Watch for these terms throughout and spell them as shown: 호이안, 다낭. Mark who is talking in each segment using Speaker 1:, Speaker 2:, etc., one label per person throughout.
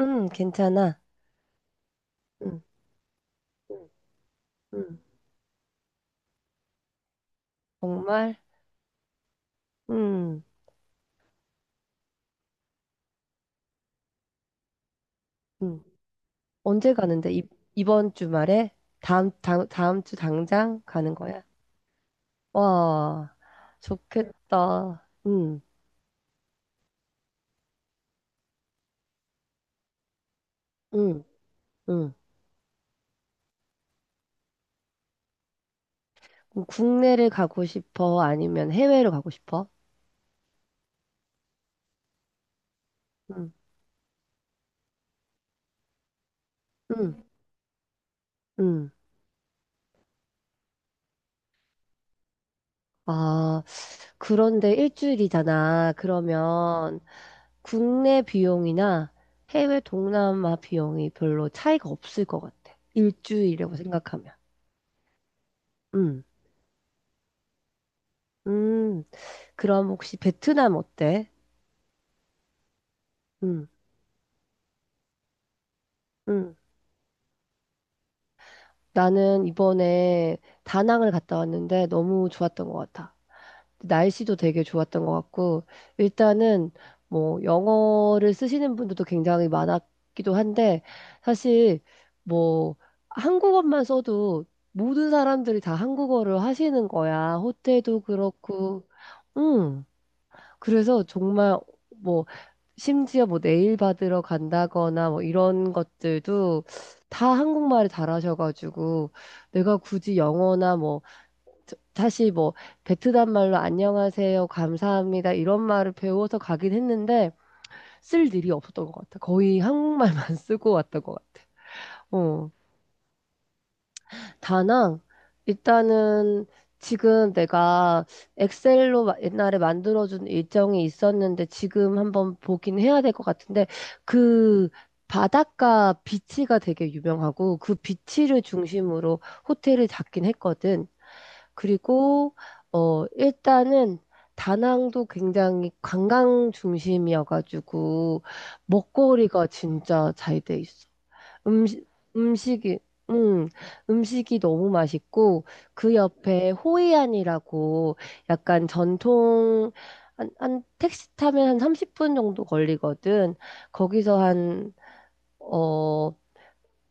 Speaker 1: 응, 괜찮아. 응, 응. 응. 정말? 응, 응. 언제 가는데? 이번 주말에? 다음 주 당장 가는 거야? 와, 좋겠다. 응, 응, 응. 그럼 국내를 가고 싶어? 아니면 해외로 가고 싶어? 응, 응, 응. 아, 그런데 일주일이잖아. 그러면 국내 비용이나 해외 동남아 비용이 별로 차이가 없을 것 같아. 일주일이라고 생각하면. 음, 음, 그럼 혹시 베트남 어때? 음, 음. 나는 이번에 다낭을 갔다 왔는데 너무 좋았던 것 같아. 날씨도 되게 좋았던 것 같고, 일단은 뭐 영어를 쓰시는 분들도 굉장히 많았기도 한데, 사실 뭐 한국어만 써도 모든 사람들이 다 한국어를 하시는 거야. 호텔도 그렇고, 음. 그래서 정말 뭐 심지어 뭐 네일 받으러 간다거나 뭐 이런 것들도 다 한국말을 잘하셔가지고 내가 굳이 영어나 뭐 사실 뭐 베트남 말로 안녕하세요, 감사합니다 이런 말을 배워서 가긴 했는데 쓸 일이 없었던 것 같아. 거의 한국말만 쓰고 왔던 것 같아. 어. 다낭? 일단은 지금 내가 엑셀로 옛날에 만들어준 일정이 있었는데 지금 한번 보긴 해야 될 것 같은데 그 바닷가 비치가 되게 유명하고 그 비치를 중심으로 호텔을 잡긴 했거든. 그리고 일단은 다낭도 굉장히 관광 중심이어가지고 먹거리가 진짜 잘 돼 있어. 음식, 음식이, 음, 음식이 너무 맛있고, 그 옆에 호이안이라고 약간 한 택시 타면 한 30분 정도 걸리거든. 거기서 어,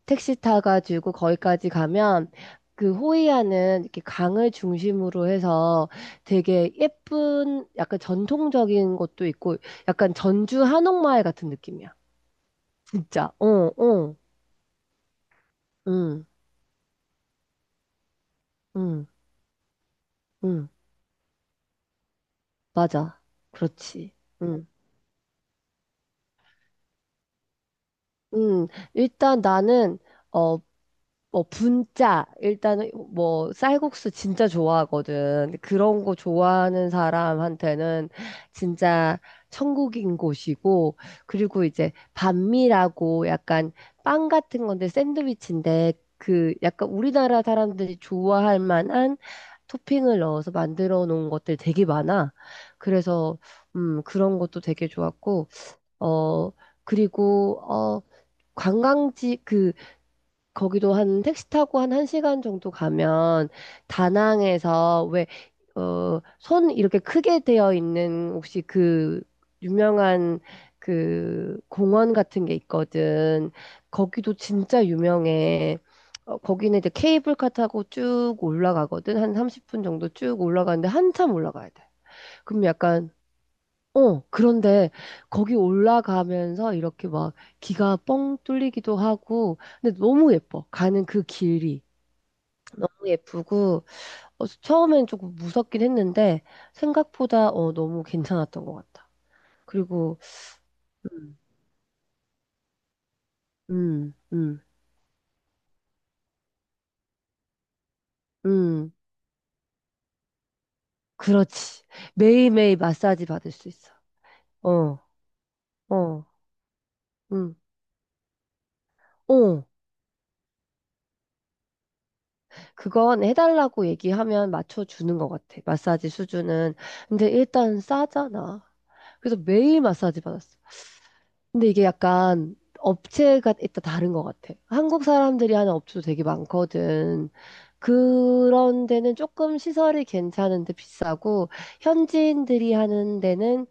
Speaker 1: 택시 타가지고 거기까지 가면, 그 호이안은 이렇게 강을 중심으로 해서 되게 예쁜, 약간 전통적인 것도 있고, 약간 전주 한옥마을 같은 느낌이야. 진짜. 어, 어, 응, 응, 응. 맞아. 그렇지. 음, 음, 일단 나는, 어, 뭐, 분짜. 일단은, 뭐, 쌀국수 진짜 좋아하거든. 그런 거 좋아하는 사람한테는 진짜 천국인 곳이고, 그리고 이제 반미라고 약간 빵 같은 건데 샌드위치인데, 그 약간 우리나라 사람들이 좋아할 만한 토핑을 넣어서 만들어 놓은 것들 되게 많아. 그래서, 그런 것도 되게 좋았고, 어, 그리고, 관광지, 그, 거기도 한 택시 타고 한 1시간 정도 가면 다낭에서 왜, 손 이렇게 크게 되어 있는 혹시 그 유명한 그 공원 같은 게 있거든. 거기도 진짜 유명해. 거기는 이제 케이블카 타고 쭉 올라가거든. 한 30분 정도 쭉 올라가는데 한참 올라가야 돼. 그럼 약간 그런데 거기 올라가면서 이렇게 막 기가 뻥 뚫리기도 하고, 근데 너무 예뻐. 가는 그 길이. 너무 예쁘고, 처음엔 조금 무섭긴 했는데, 생각보다 너무 괜찮았던 것 같아. 그리고, 음, 음, 음, 음, 그렇지. 매일매일 마사지 받을 수 있어. 어, 어, 음. 어, 그건 해달라고 얘기하면 맞춰주는 것 같아. 마사지 수준은. 근데 일단 싸잖아. 그래서 매일 마사지 받았어. 근데 이게 약간 업체가 일단 다른 것 같아. 한국 사람들이 하는 업체도 되게 많거든. 그런 데는 조금 시설이 괜찮은데 비싸고, 현지인들이 하는 데는,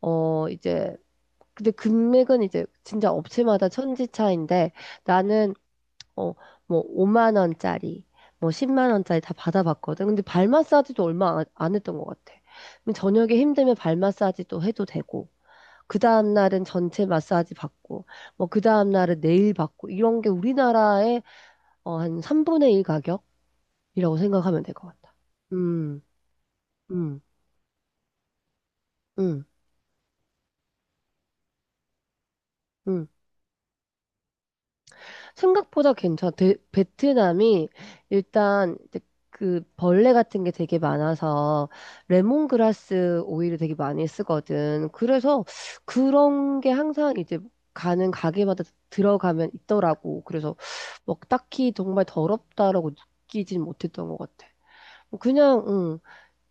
Speaker 1: 이제, 근데 금액은 이제 진짜 업체마다 천지 차인데, 나는, 어, 뭐, 5만 원짜리, 뭐, 10만 원짜리 다 받아봤거든. 근데 발 마사지도 얼마 안 했던 것 같아. 저녁에 힘들면 발 마사지도 해도 되고. 그 다음 날은 전체 마사지 받고, 뭐 그 다음 날은 네일 받고 이런 게 우리나라의 한 3분의 1 가격이라고 생각하면 될 것 같아. 음, 음, 음, 음. 생각보다 괜찮아. 베트남이 일단 그 벌레 같은 게 되게 많아서 레몬그라스 오일을 되게 많이 쓰거든. 그래서 그런 게 항상 이제 가는 가게마다 들어가면 있더라고. 그래서 막 딱히 정말 더럽다라고 느끼진 못했던 것 같아. 뭐 그냥 응,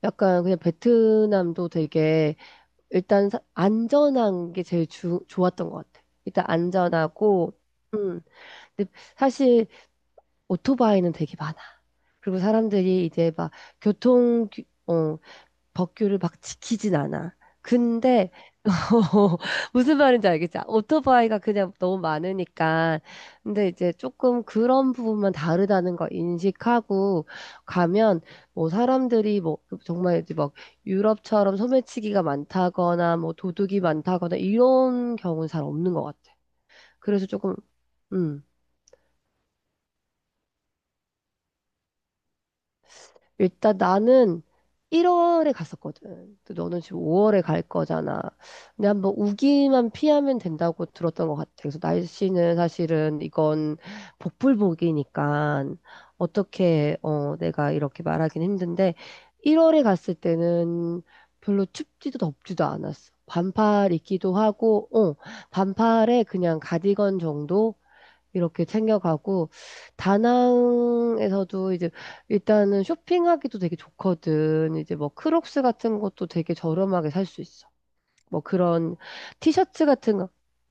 Speaker 1: 약간 그냥 베트남도 되게 일단 안전한 게 제일 좋았던 것 같아. 일단 안전하고 음, 근데 사실 오토바이는 되게 많아. 그리고 사람들이 이제 막 교통 어, 법규를 막 지키진 않아. 근데 어, 무슨 말인지 알겠지? 오토바이가 그냥 너무 많으니까. 근데 이제 조금 그런 부분만 다르다는 거 인식하고 가면 뭐 사람들이 뭐 정말 이제 막 유럽처럼 소매치기가 많다거나 뭐 도둑이 많다거나 이런 경우는 잘 없는 것 같아. 그래서 조금, 음. 일단 나는 1월에 갔었거든. 근데 너는 지금 5월에 갈 거잖아. 근데 한번 우기만 피하면 된다고 들었던 것 같아. 그래서 날씨는 사실은 이건 복불복이니까 어떻게 내가 이렇게 말하긴 힘든데 1월에 갔을 때는 별로 춥지도 덥지도 않았어. 반팔 입기도 하고, 반팔에 그냥 가디건 정도 이렇게 챙겨가고 다낭에서도 이제 일단은 쇼핑하기도 되게 좋거든. 이제 뭐 크록스 같은 것도 되게 저렴하게 살 수 있어. 뭐 그런 티셔츠 같은 거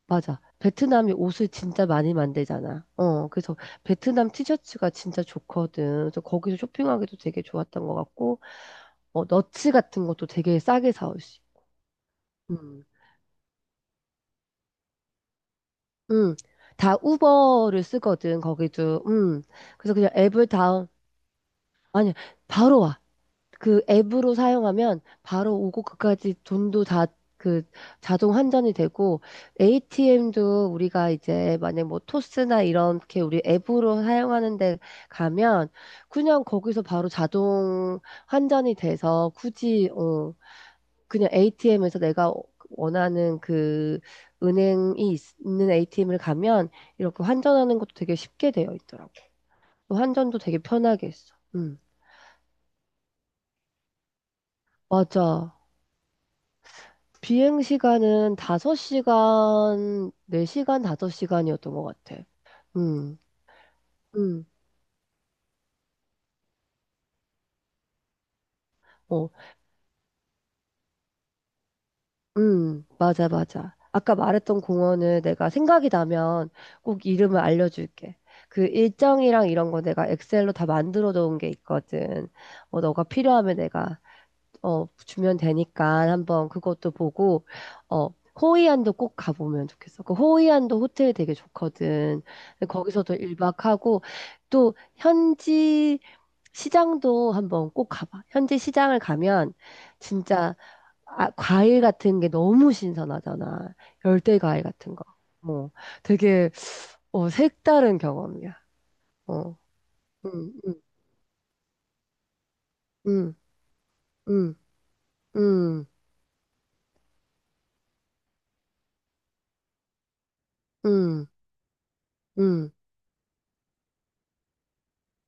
Speaker 1: 맞아. 베트남이 옷을 진짜 많이 만들잖아. 그래서 베트남 티셔츠가 진짜 좋거든. 그래서 거기서 쇼핑하기도 되게 좋았던 것 같고, 너츠 같은 것도 되게 싸게 사올 수. 음, 음, 다 우버를 쓰거든. 거기도. 그래서 그냥 앱을 다운. 아니, 바로 와. 그 앱으로 사용하면 바로 오고 그까지 돈도 다 그 자동 환전이 되고 ATM도 우리가 이제 만약 뭐 토스나 이렇게 우리 앱으로 사용하는 데 가면 그냥 거기서 바로 자동 환전이 돼서 굳이 그냥 ATM에서 내가 원하는 그 은행이 있는 ATM을 가면 이렇게 환전하는 것도 되게 쉽게 되어 있더라고. 환전도 되게 편하게 했어. 맞아. 비행 시간은 다섯 시간 네 시간 다섯 시간이었던 것 같아. 음, 음, 어, 맞아, 맞아. 아까 말했던 공원을 내가 생각이 나면 꼭 이름을 알려줄게. 그 일정이랑 이런 거 내가 엑셀로 다 만들어 놓은 게 있거든. 너가 필요하면 내가 주면 되니까 한번 그것도 보고, 어, 호이안도 꼭 가보면 좋겠어. 그 호이안도 호텔 되게 좋거든. 근데 거기서도 1박하고, 또 현지 시장도 한번 꼭 가봐. 현지 시장을 가면 진짜 아, 과일 같은 게 너무 신선하잖아. 열대 과일 같은 거. 뭐 되게 색다른 경험이야. 어, 음, 음, 음, 음, 음, 음, 음,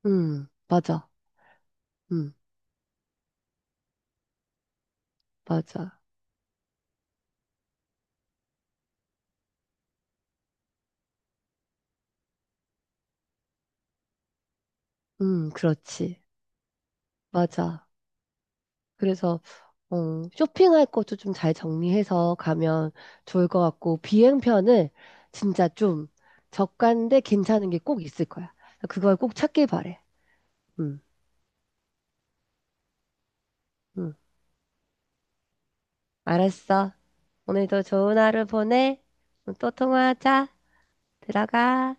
Speaker 1: 맞아. 응. 맞아. 그렇지. 맞아. 그래서, 어, 쇼핑할 것도 좀 잘 정리해서 가면 좋을 것 같고, 비행편을 진짜 좀 저가인데 괜찮은 게 꼭 있을 거야. 그걸 꼭 찾길 바래. 음, 음. 알았어. 오늘도 좋은 하루 보내. 또 통화하자. 들어가.